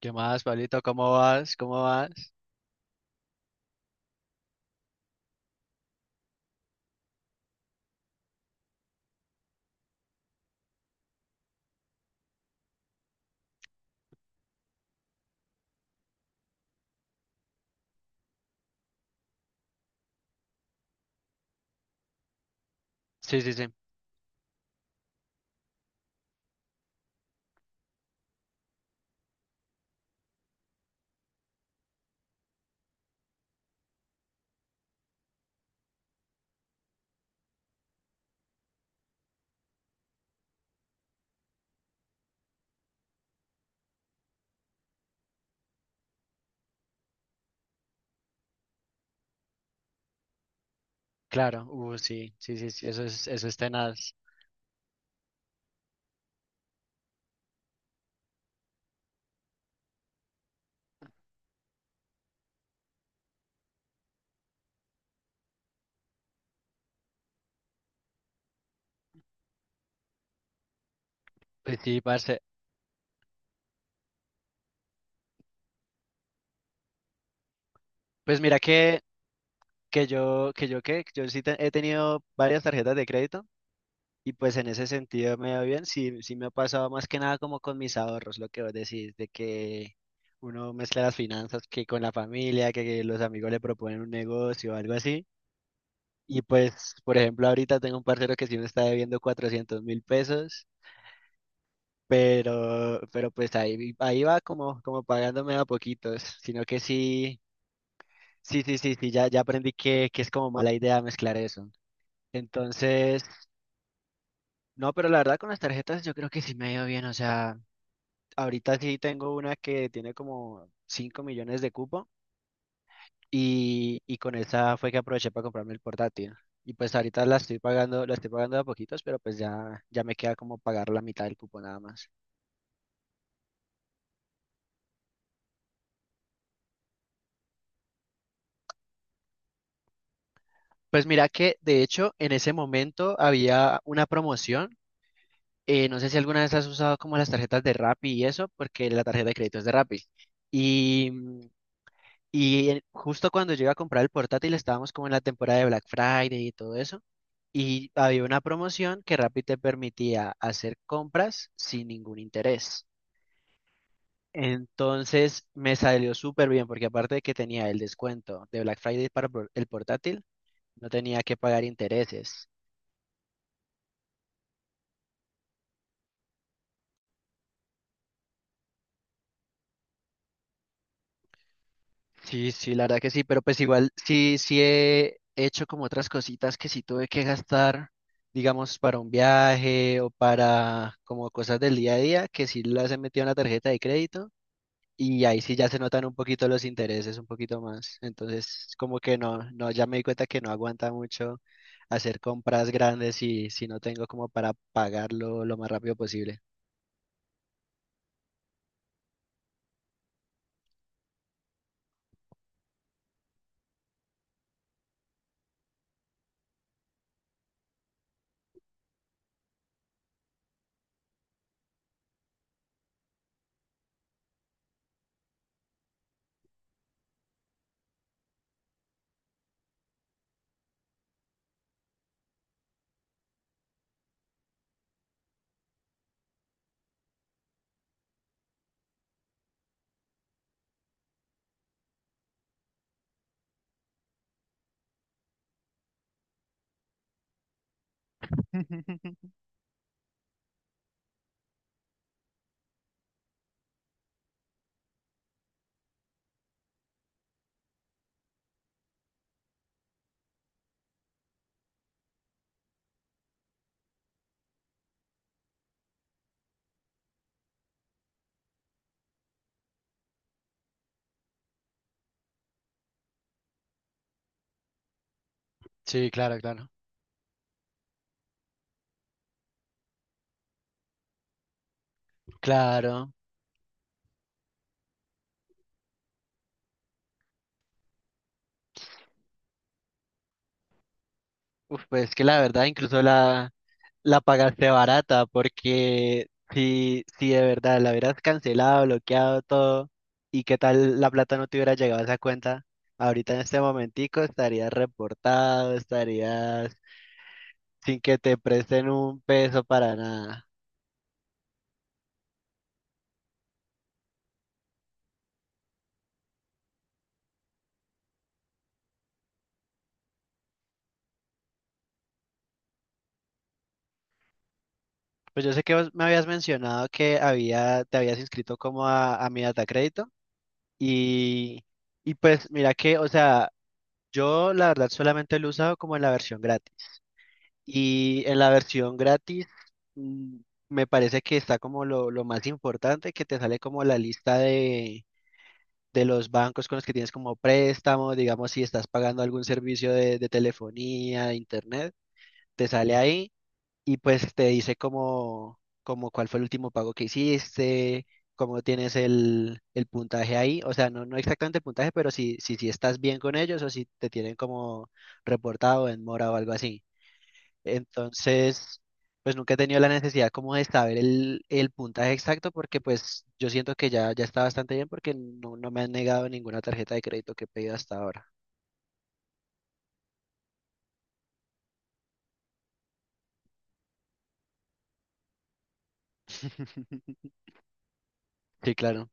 ¿Qué más, Pablito? ¿Cómo vas? ¿Cómo vas? Sí, sí, sí. Claro. Sí, sí, sí, sí. Eso es tenaz. Pues sí, parce. Pues mira que yo qué, yo sí te- he tenido varias tarjetas de crédito y pues en ese sentido me va bien. Sí, sí me ha pasado más que nada como con mis ahorros, lo que vos decís, de que uno mezcla las finanzas que con la familia, que los amigos le proponen un negocio o algo así. Y pues, por ejemplo, ahorita tengo un parcero que sí me está debiendo 400.000 pesos. Pero pues ahí, ahí va como, como pagándome a poquitos, sino que sí, sí, sí, sí, sí, ya, ya aprendí que es como mala idea mezclar eso. Entonces, no, pero la verdad con las tarjetas yo creo que sí me ha ido bien, o sea, ahorita sí tengo una que tiene como 5 millones de cupo y con esa fue que aproveché para comprarme el portátil. Y pues ahorita la estoy pagando de a poquitos, pero pues ya, ya me queda como pagar la mitad del cupo nada más. Pues mira que de hecho en ese momento había una promoción. No sé si alguna vez has usado como las tarjetas de Rappi y eso, porque la tarjeta de crédito es de Rappi. Y, mm, Justo cuando yo iba a comprar el portátil estábamos como en la temporada de Black Friday y todo eso. Y había una promoción que Rappi te permitía hacer compras sin ningún interés. Entonces me salió súper bien porque aparte de que tenía el descuento de Black Friday para el portátil, no tenía que pagar intereses. Sí, sí, la verdad que sí, pero pues igual sí, sí he hecho como otras cositas que sí tuve que gastar, digamos, para un viaje o para como cosas del día a día, que sí las he metido en la tarjeta de crédito y ahí sí ya se notan un poquito los intereses, un poquito más. Entonces, como que no, no, ya me di cuenta que no aguanta mucho hacer compras grandes si, si no tengo como para pagarlo lo más rápido posible. Sí, claro, claro. Claro. Uf, pues que la verdad, la pagaste barata, porque si, si de verdad la hubieras cancelado, bloqueado todo, y qué tal la plata no te hubiera llegado a esa cuenta, ahorita en este momentico estarías reportado, estarías sin que te presten un peso para nada. Pues yo sé que vos me habías mencionado que había, te habías inscrito como a mi datacrédito, y, y pues mira que, o sea, yo la verdad solamente lo he usado como en la versión gratis. Y en la versión gratis, mm, me parece que está como lo más importante, que te sale como la lista de los bancos con los que tienes como préstamo, digamos si estás pagando algún servicio de telefonía, de internet, te sale ahí y pues te dice como, como cuál fue el último pago que hiciste, cómo tienes el puntaje ahí, o sea, no, no exactamente el puntaje, pero si, si, si estás bien con ellos o si te tienen como reportado en mora o algo así. Entonces, pues nunca he tenido la necesidad como de saber el puntaje exacto porque pues yo siento que ya, ya está bastante bien porque no, no me han negado ninguna tarjeta de crédito que he pedido hasta ahora. Sí, claro.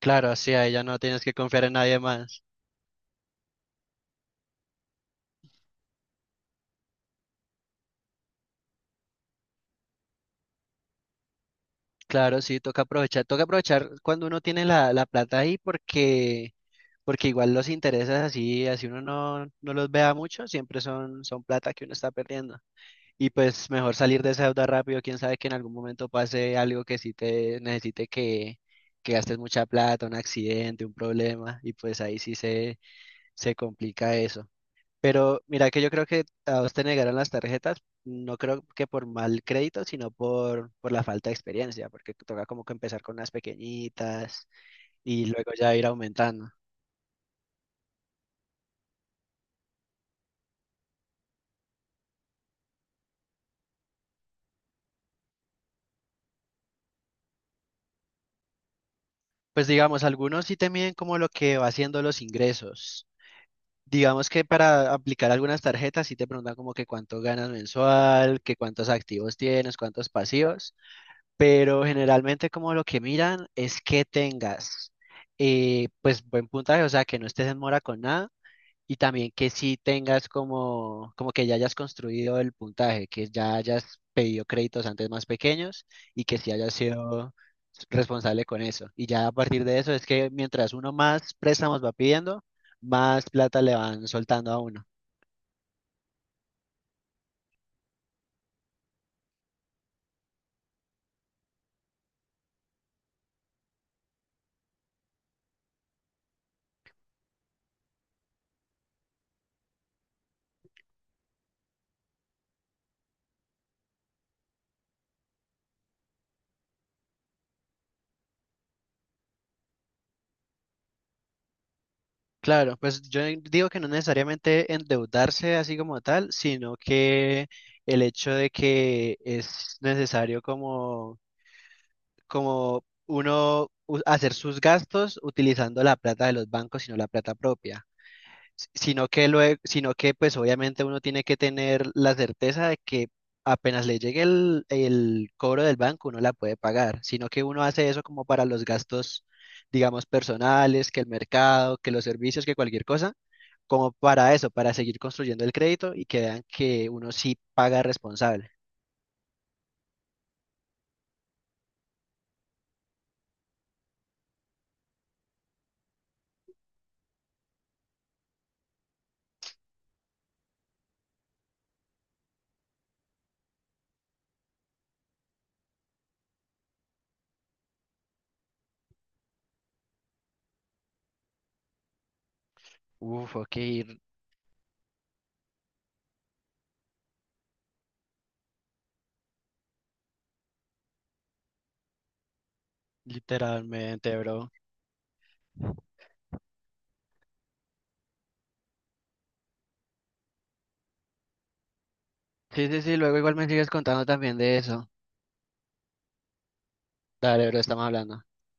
Claro, sí, ahí ya no tienes que confiar en nadie más. Claro, sí, toca aprovechar cuando uno tiene la, la plata ahí porque, porque igual los intereses así, así uno no, no los vea mucho, siempre son, son plata que uno está perdiendo. Y pues mejor salir de esa deuda rápido, quién sabe que en algún momento pase algo que sí te necesite que gastes mucha plata, un accidente, un problema, y pues ahí sí se complica eso. Pero mira que yo creo que a vos te negaron las tarjetas, no creo que por mal crédito, sino por la falta de experiencia, porque toca como que empezar con unas pequeñitas y luego ya ir aumentando. Pues digamos, algunos sí te miden como lo que va haciendo los ingresos. Digamos que para aplicar algunas tarjetas sí te preguntan como que cuánto ganas mensual, que cuántos activos tienes, cuántos pasivos, pero generalmente como lo que miran es que tengas pues buen puntaje, o sea, que no estés en mora con nada y también que sí tengas como, como que ya hayas construido el puntaje, que ya hayas pedido créditos antes más pequeños y que sí hayas sido responsable con eso. Y ya a partir de eso es que mientras uno más préstamos va pidiendo, más plata le van soltando a uno. Claro, pues yo digo que no necesariamente endeudarse así como tal, sino que el hecho de que es necesario como hacer sus gastos utilizando la plata de los bancos, sino la plata propia. Sino que luego, sino que pues obviamente uno tiene que tener la certeza de que apenas le llegue el cobro del banco, uno la puede pagar, sino que uno hace eso como para los gastos, digamos, personales, que el mercado, que los servicios, que cualquier cosa, como para eso, para seguir construyendo el crédito y que vean que uno sí paga responsable. Uf, ok, literalmente, bro. Sí, sí, sí, luego igual me sigues contando también de eso. Dale, bro, estamos hablando.